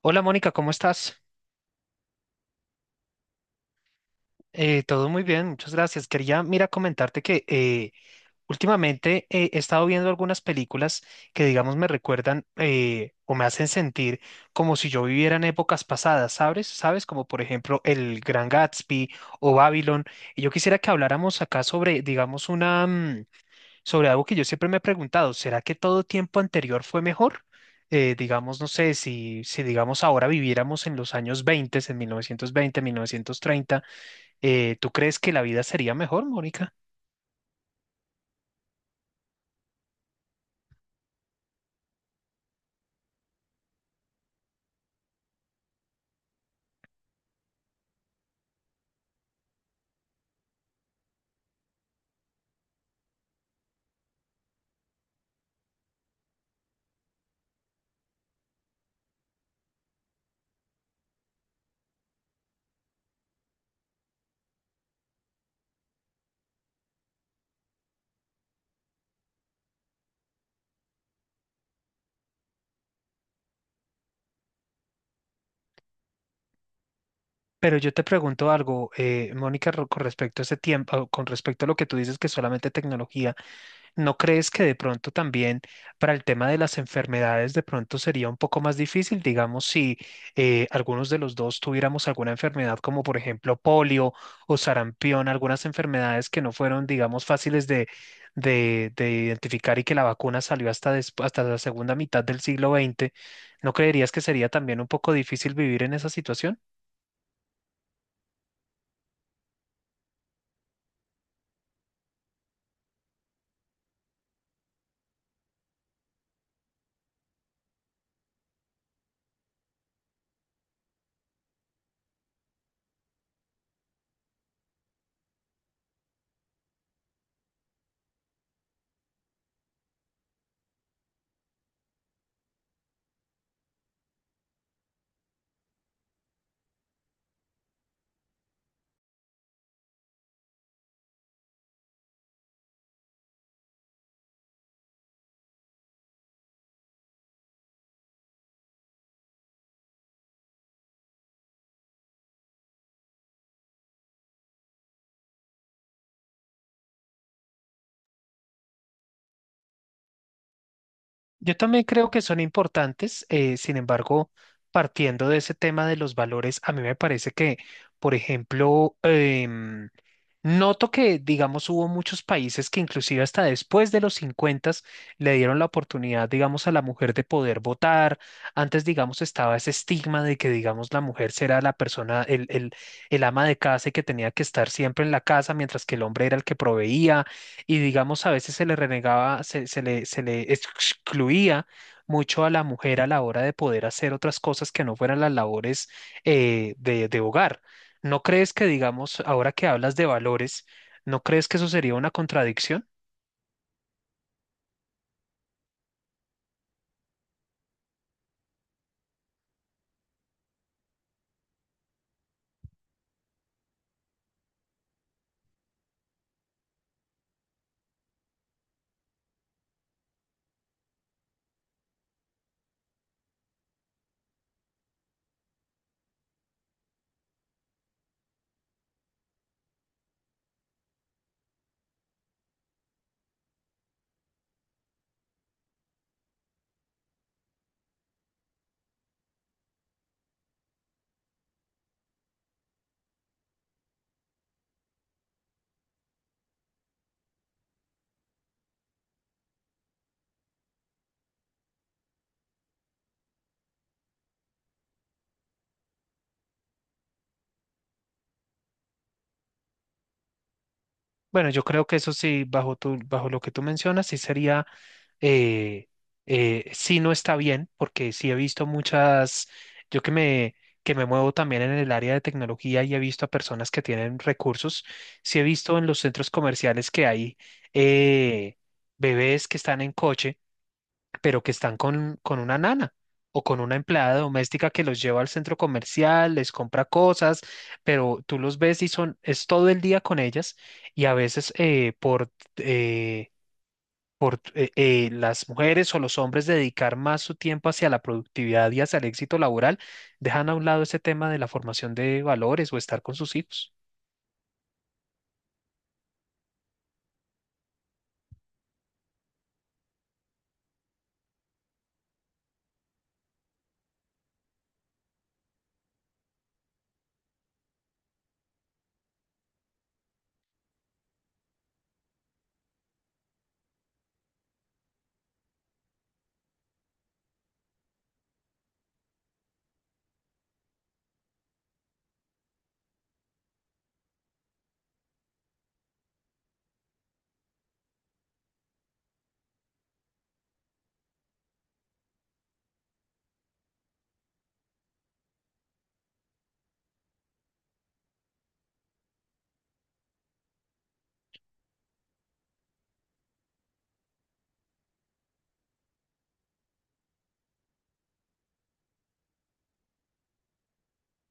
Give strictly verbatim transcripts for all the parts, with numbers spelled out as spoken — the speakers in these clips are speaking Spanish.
Hola Mónica, ¿cómo estás? Eh, todo muy bien, muchas gracias. Quería, mira, comentarte que eh, últimamente eh, he estado viendo algunas películas que, digamos, me recuerdan eh, o me hacen sentir como si yo viviera en épocas pasadas, ¿sabes? ¿Sabes? Como por ejemplo El Gran Gatsby o Babylon. Y yo quisiera que habláramos acá sobre, digamos, una, mm, sobre algo que yo siempre me he preguntado, ¿será que todo tiempo anterior fue mejor? Eh, digamos, no sé, si, si digamos ahora viviéramos en los años veinte, en mil novecientos veinte, mil novecientos treinta, eh, ¿tú crees que la vida sería mejor, Mónica? Pero yo te pregunto algo, eh, Mónica, ro- con respecto a ese tiempo, con respecto a lo que tú dices que solamente tecnología. ¿No crees que de pronto también para el tema de las enfermedades de pronto sería un poco más difícil, digamos, si eh, algunos de los dos tuviéramos alguna enfermedad como por ejemplo polio o sarampión, algunas enfermedades que no fueron, digamos, fáciles de, de, de identificar y que la vacuna salió hasta, desp- hasta la segunda mitad del siglo veinte? ¿No creerías que sería también un poco difícil vivir en esa situación? Yo también creo que son importantes, eh, sin embargo, partiendo de ese tema de los valores, a mí me parece que, por ejemplo, em, noto que, digamos, hubo muchos países que inclusive hasta después de los cincuenta le dieron la oportunidad, digamos, a la mujer de poder votar. Antes, digamos, estaba ese estigma de que, digamos, la mujer será la persona, el, el, el ama de casa y que tenía que estar siempre en la casa, mientras que el hombre era el que proveía y digamos a veces se le renegaba, se, se le, se le excluía mucho a la mujer a la hora de poder hacer otras cosas que no fueran las labores eh, de, de hogar. ¿No crees que, digamos, ahora que hablas de valores, no crees que eso sería una contradicción? Bueno, yo creo que eso sí, bajo tu, bajo lo que tú mencionas, sí sería, eh, eh, sí, no está bien, porque sí he visto muchas, yo que me, que me muevo también en el área de tecnología y he visto a personas que tienen recursos, sí he visto en los centros comerciales que hay eh, bebés que están en coche, pero que están con, con una nana, o con una empleada doméstica que los lleva al centro comercial, les compra cosas, pero tú los ves y son, es todo el día con ellas y a veces eh, por, eh, por eh, eh, las mujeres o los hombres dedicar más su tiempo hacia la productividad y hacia el éxito laboral, dejan a un lado ese tema de la formación de valores o estar con sus hijos.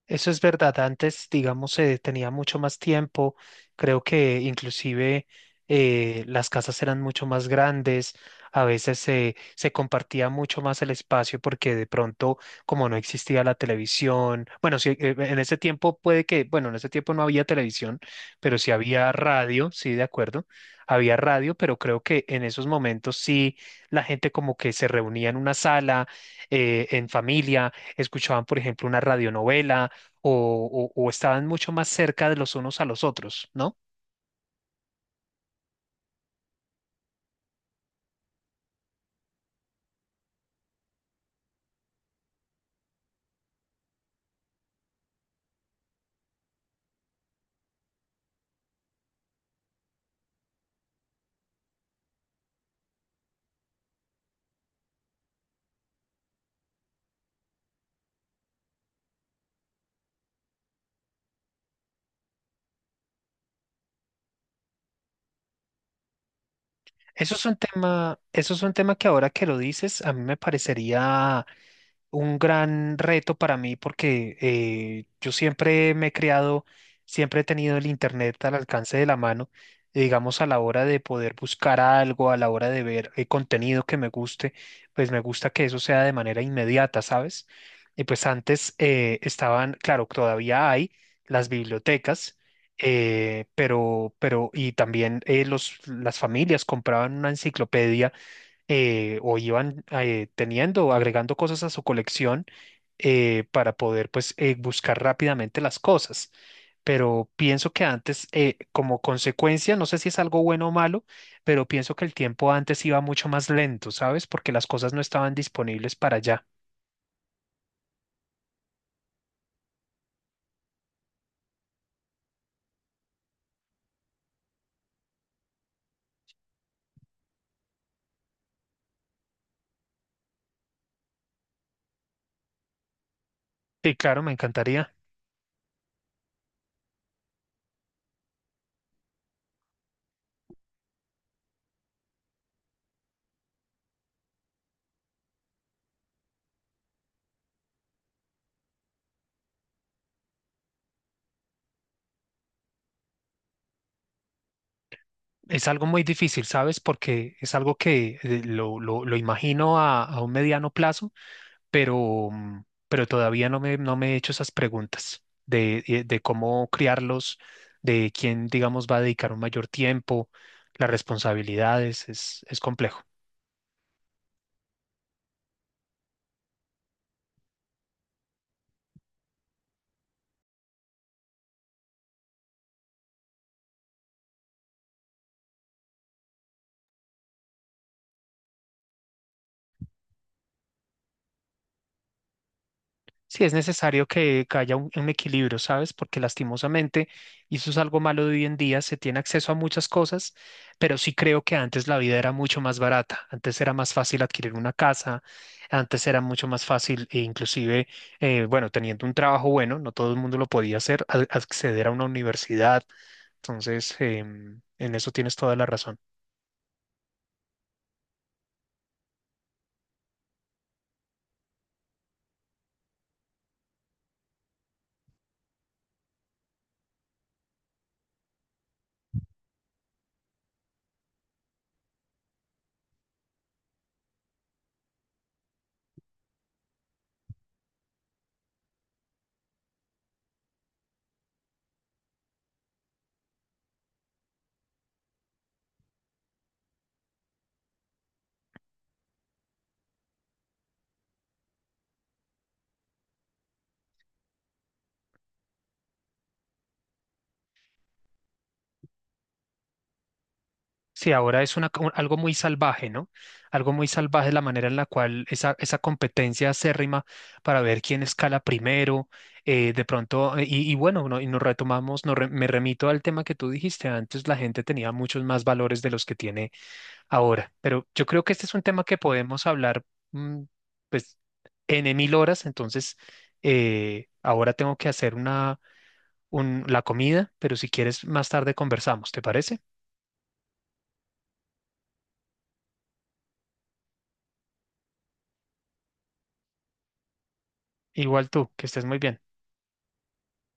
Eso es verdad. Antes, digamos, se tenía mucho más tiempo. Creo que inclusive eh, las casas eran mucho más grandes. A veces se se compartía mucho más el espacio porque de pronto, como no existía la televisión, bueno, sí, eh, en ese tiempo puede que, bueno, en ese tiempo no había televisión, pero sí había radio, sí, de acuerdo. Había radio, pero creo que en esos momentos sí la gente como que se reunía en una sala, eh, en familia, escuchaban, por ejemplo, una radionovela o, o- o estaban mucho más cerca de los unos a los otros, ¿no? Eso es un tema, eso es un tema que ahora que lo dices, a mí me parecería un gran reto para mí porque eh, yo siempre me he creado, siempre he tenido el internet al alcance de la mano, y digamos a la hora de poder buscar algo, a la hora de ver eh, contenido que me guste, pues me gusta que eso sea de manera inmediata, ¿sabes? Y pues antes eh, estaban, claro, todavía hay las bibliotecas. eh, pero, pero, y también eh, los, las familias compraban una enciclopedia eh, o iban eh, teniendo, o agregando cosas a su colección eh, para poder pues eh, buscar rápidamente las cosas. Pero pienso que antes, eh, como consecuencia, no sé si es algo bueno o malo, pero pienso que el tiempo antes iba mucho más lento, ¿sabes? Porque las cosas no estaban disponibles para allá. Sí, claro, me encantaría. Es algo muy difícil, ¿sabes? Porque es algo que eh, lo, lo- lo imagino a, a un mediano plazo, pero, mm, pero todavía no me, no me he hecho esas preguntas de, de- de cómo criarlos, de quién, digamos, va a dedicar un mayor tiempo, las responsabilidades, es, es complejo. Sí, es necesario que que haya un, un equilibrio, ¿sabes? Porque lastimosamente, y eso es algo malo de hoy en día, se tiene acceso a muchas cosas, pero sí creo que antes la vida era mucho más barata. Antes era más fácil adquirir una casa, antes era mucho más fácil, e inclusive, eh, bueno, teniendo un trabajo bueno, no todo el mundo lo podía hacer, a- acceder a una universidad. Entonces, em, en eso tienes toda la razón. Sí, ahora es una, co- algo muy salvaje, ¿no? Algo muy salvaje la manera en la cual esa, esa competencia acérrima para ver quién escala primero, eh, de pronto, eh, y, y bueno, no- y nos retomamos, nos re- me remito al tema que tú dijiste antes, la gente tenía muchos más valores de los que tiene ahora, pero yo creo que este es un tema que podemos hablar, mm, pues, en mil horas, entonces, eh, ahora tengo que hacer una, un- la comida, pero si quieres, más tarde conversamos, ¿te parece? Igual tú, que estés muy bien.